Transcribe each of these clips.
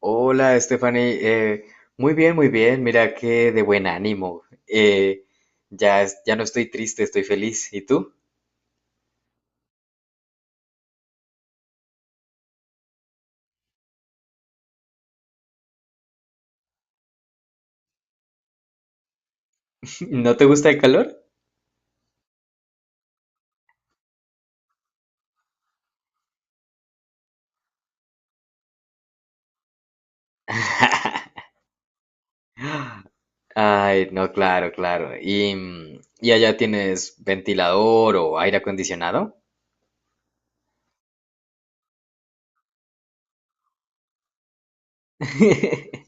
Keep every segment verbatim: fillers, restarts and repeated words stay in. Hola, Stephanie. Eh, muy bien, muy bien. Mira qué de buen ánimo. Eh, ya, es- ya no estoy triste, estoy feliz. ¿Y tú? ¿No te gusta el calor? Ay, no, claro, claro. ¿Y, mm, y allá tienes ventilador o aire acondicionado?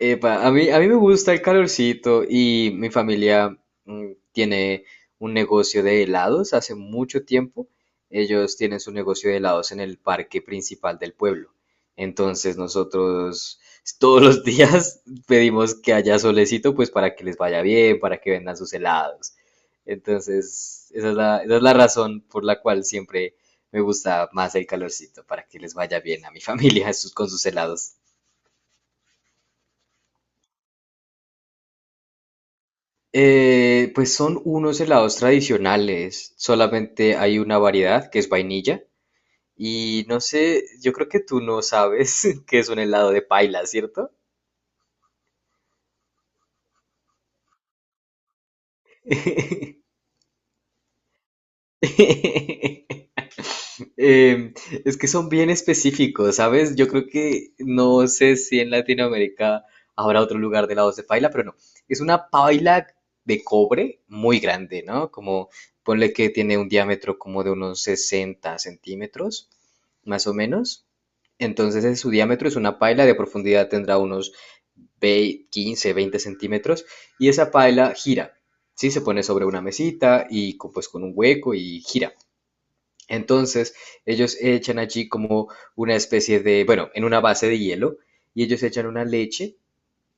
Epa, a mí, a mí me gusta el calorcito y mi familia mm, tiene un negocio de helados hace mucho tiempo. Ellos tienen su negocio de helados en el parque principal del pueblo. Entonces nosotros todos los días pedimos que haya solecito pues para que les vaya bien, para que vendan sus helados. Entonces esa es la, esa es la razón por la cual siempre me gusta más el calorcito, para que les vaya bien a mi familia sus- con sus helados. Eh, pues son unos helados tradicionales, solamente hay una variedad que es vainilla y no sé, yo creo que tú no sabes que es un helado de paila, ¿cierto? Eh, es que son bien específicos, ¿sabes? Yo creo que no sé si en Latinoamérica habrá otro lugar de lados de paila, pero no. Es una paila de cobre muy grande, ¿no? Como ponle que tiene un diámetro como de unos sesenta centímetros, más o menos. Entonces eh, su diámetro es una paila, de profundidad tendrá unos vei- quince, veinte centímetros y esa paila gira, ¿sí? Se pone sobre una mesita y co- pues con un hueco y gira. Entonces, ellos echan allí como una especie de, bueno, en una base de hielo, y ellos echan una leche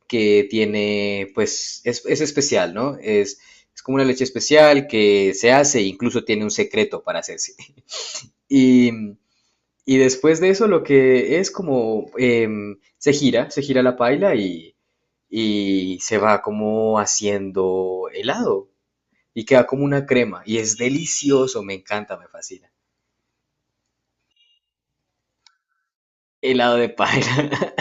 que tiene, pues, es, es especial, ¿no? Es, es como una leche especial que se hace, incluso tiene un secreto para hacerse. Y, y después de eso, lo que es como, em, se gira, se gira la paila y, y se va como haciendo helado, y queda como una crema, y es delicioso, me encanta, me fascina. Helado de paila.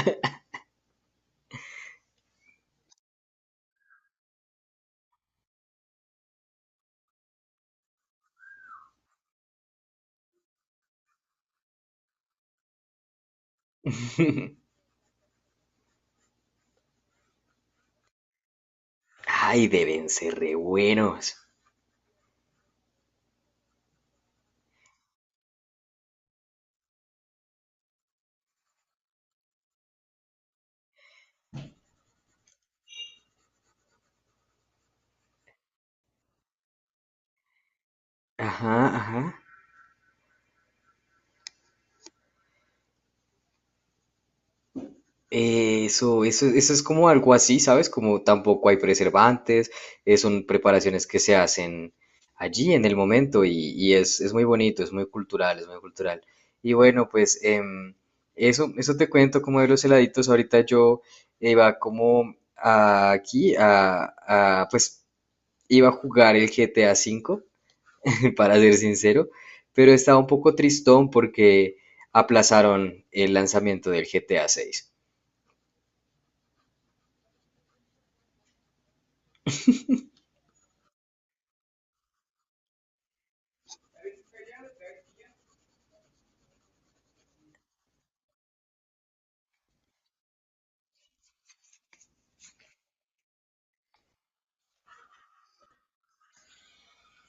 Ay, deben ser re buenos. Ajá, ajá. Eso, eso, eso es como algo así, ¿sabes? Como tampoco hay preservantes, eh, son preparaciones que se hacen allí en el momento y, y es, es muy bonito, es muy cultural, es muy cultural. Y bueno, pues em, eso, eso te cuento como de los heladitos. Ahorita yo iba como a- aquí a, a, pues iba a jugar el G T A cinco para ser sincero, pero estaba un poco tristón porque aplazaron el lanzamiento del G T A seis.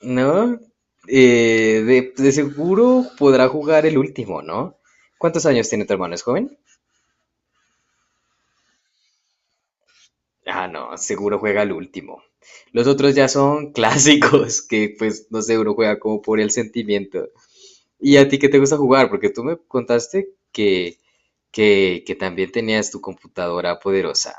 ¿No? Eh, de, de seguro podrá jugar el último, ¿no? ¿Cuántos años tiene tu hermano? ¿Es joven? Ah, no, seguro juega el último. Los otros ya son clásicos, que pues no sé, uno juega como por el sentimiento. ¿Y a ti qué te gusta jugar? Porque tú me contaste que, que, que también tenías tu computadora poderosa.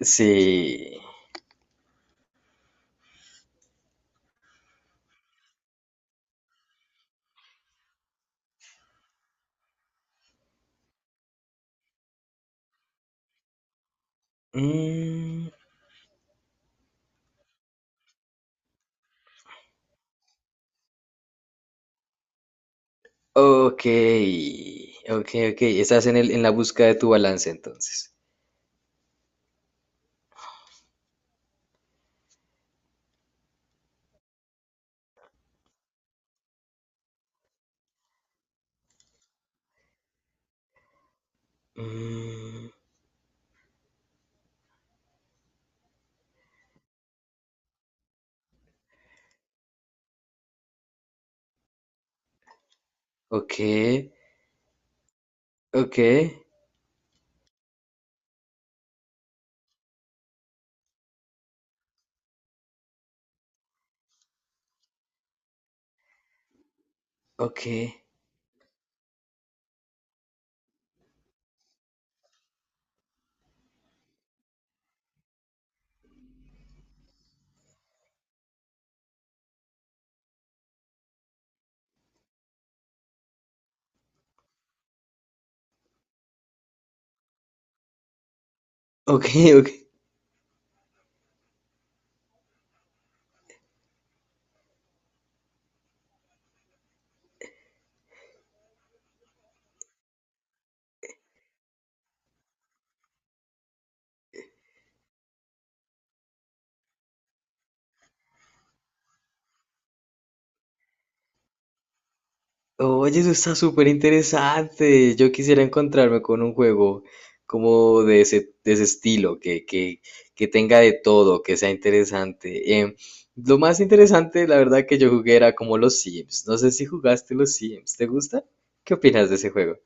Sí. Mm, ok, ok, ok. Estás en el, en la búsqueda de tu balance entonces. Mm, ok, ok, ok, ok, ok. Oye, eso está súper interesante. Yo quisiera encontrarme con un juego como de ese, de ese estilo, que, que, que tenga de todo, que sea interesante. Em, lo más interesante, la verdad, que yo jugué era como los Sims. No sé si jugaste los Sims. ¿Te gusta? ¿Qué opinas de ese juego?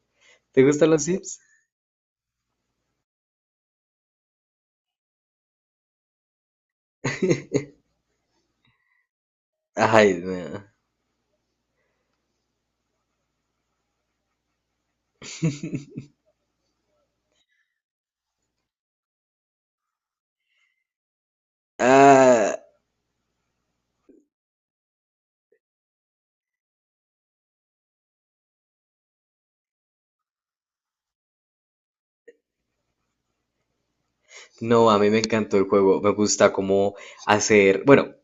¿Te gustan los Sims? Ay, no. Ah, no, a mí me encantó el juego. Me gusta cómo hacer, bueno,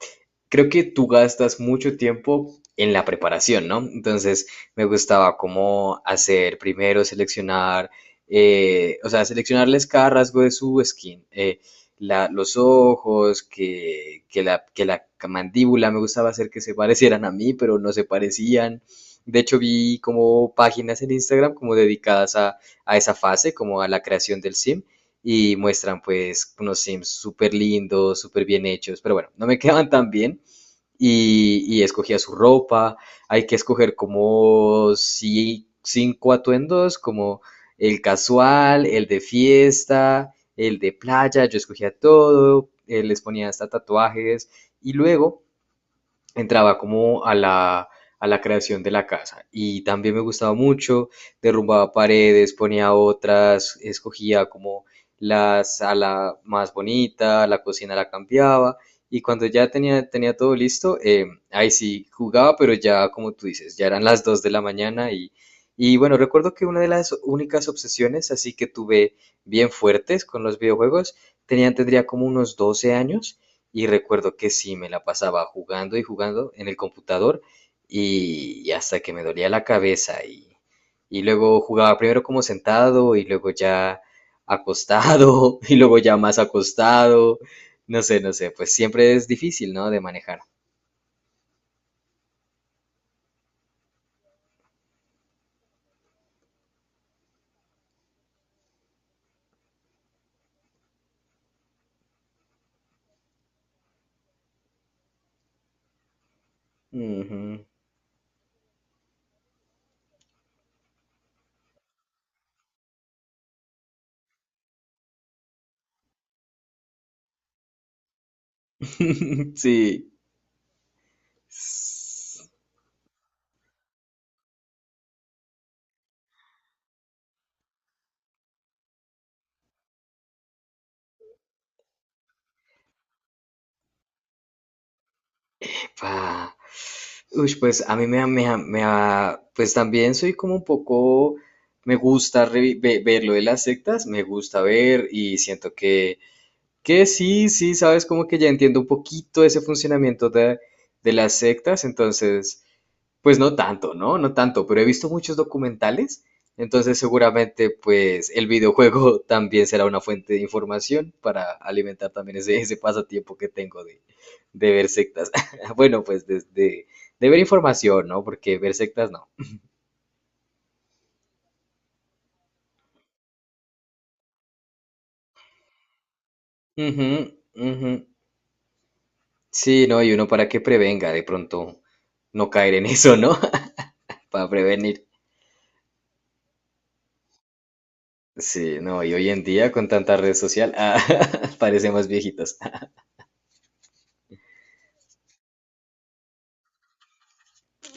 creo que tú gastas mucho tiempo en la preparación, ¿no? Entonces me gustaba cómo hacer primero, seleccionar, eh, o sea, seleccionarles cada rasgo de su skin, eh, la- los ojos, que, que la, que la mandíbula, me gustaba hacer que se parecieran a mí, pero no se parecían. De hecho, vi como páginas en Instagram como dedicadas a, a esa fase, como a la creación del sim, y muestran pues unos sims súper lindos, súper bien hechos, pero bueno, no me quedaban tan bien y, y escogía su ropa. Hay que escoger como si- cinco atuendos, como el casual, el de fiesta, el de playa. Yo escogía todo, eh, les ponía hasta tatuajes y luego entraba como a la, a la creación de la casa. Y también me gustaba mucho, derrumbaba paredes, ponía otras, escogía como la sala más bonita, la cocina la cambiaba. Y cuando ya tenía, tenía todo listo, eh, ahí sí jugaba, pero ya como tú dices, ya eran las dos de la mañana y, y bueno, recuerdo que una de las únicas obsesiones así que tuve bien fuertes con los videojuegos, tenía, tendría como unos doce años y recuerdo que sí, me la pasaba jugando y jugando en el computador y, y hasta que me dolía la cabeza y, y luego jugaba primero como sentado y luego ya acostado y luego ya más acostado. No sé, no sé, pues siempre es difícil, ¿no? De manejar. Ujú. Sí. Ah, uy, pues a mí me, ha- me, ha- me ha- pues también soy como un poco, me gusta revi- ve- ver lo de las sectas, me gusta ver y siento que, que sí, sí, sabes, como que ya entiendo un poquito ese funcionamiento de, de las sectas, entonces pues no tanto, ¿no? No tanto, pero he visto muchos documentales, entonces seguramente pues el videojuego también será una fuente de información para alimentar también ese, ese pasatiempo que tengo de, de ver sectas. Bueno, pues de, de- de ver información, ¿no? Porque ver sectas no. Ujú, ujú. Sí, no, y uno para que prevenga de pronto no caer en eso, ¿no? Para prevenir. Sí, no, y hoy en día con tanta red social, ah, parecemos viejitos.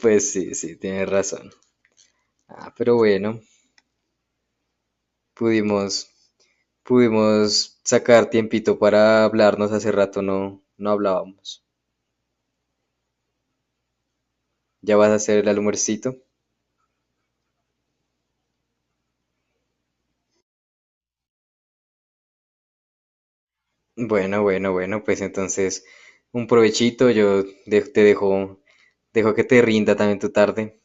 Pues sí, sí, tienes razón. Ah, pero bueno, pudimos, pudimos sacar tiempito para hablarnos. Hace rato no, no hablábamos. ¿Ya vas a hacer el almuercito? Bueno, bueno, bueno, pues entonces un provechito. Yo de- te dejo, dejo que te rinda también tu tarde.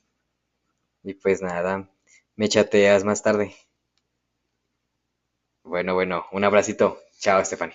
Y pues nada, me chateas más tarde. Bueno, bueno, un abracito. Chao, Estefan.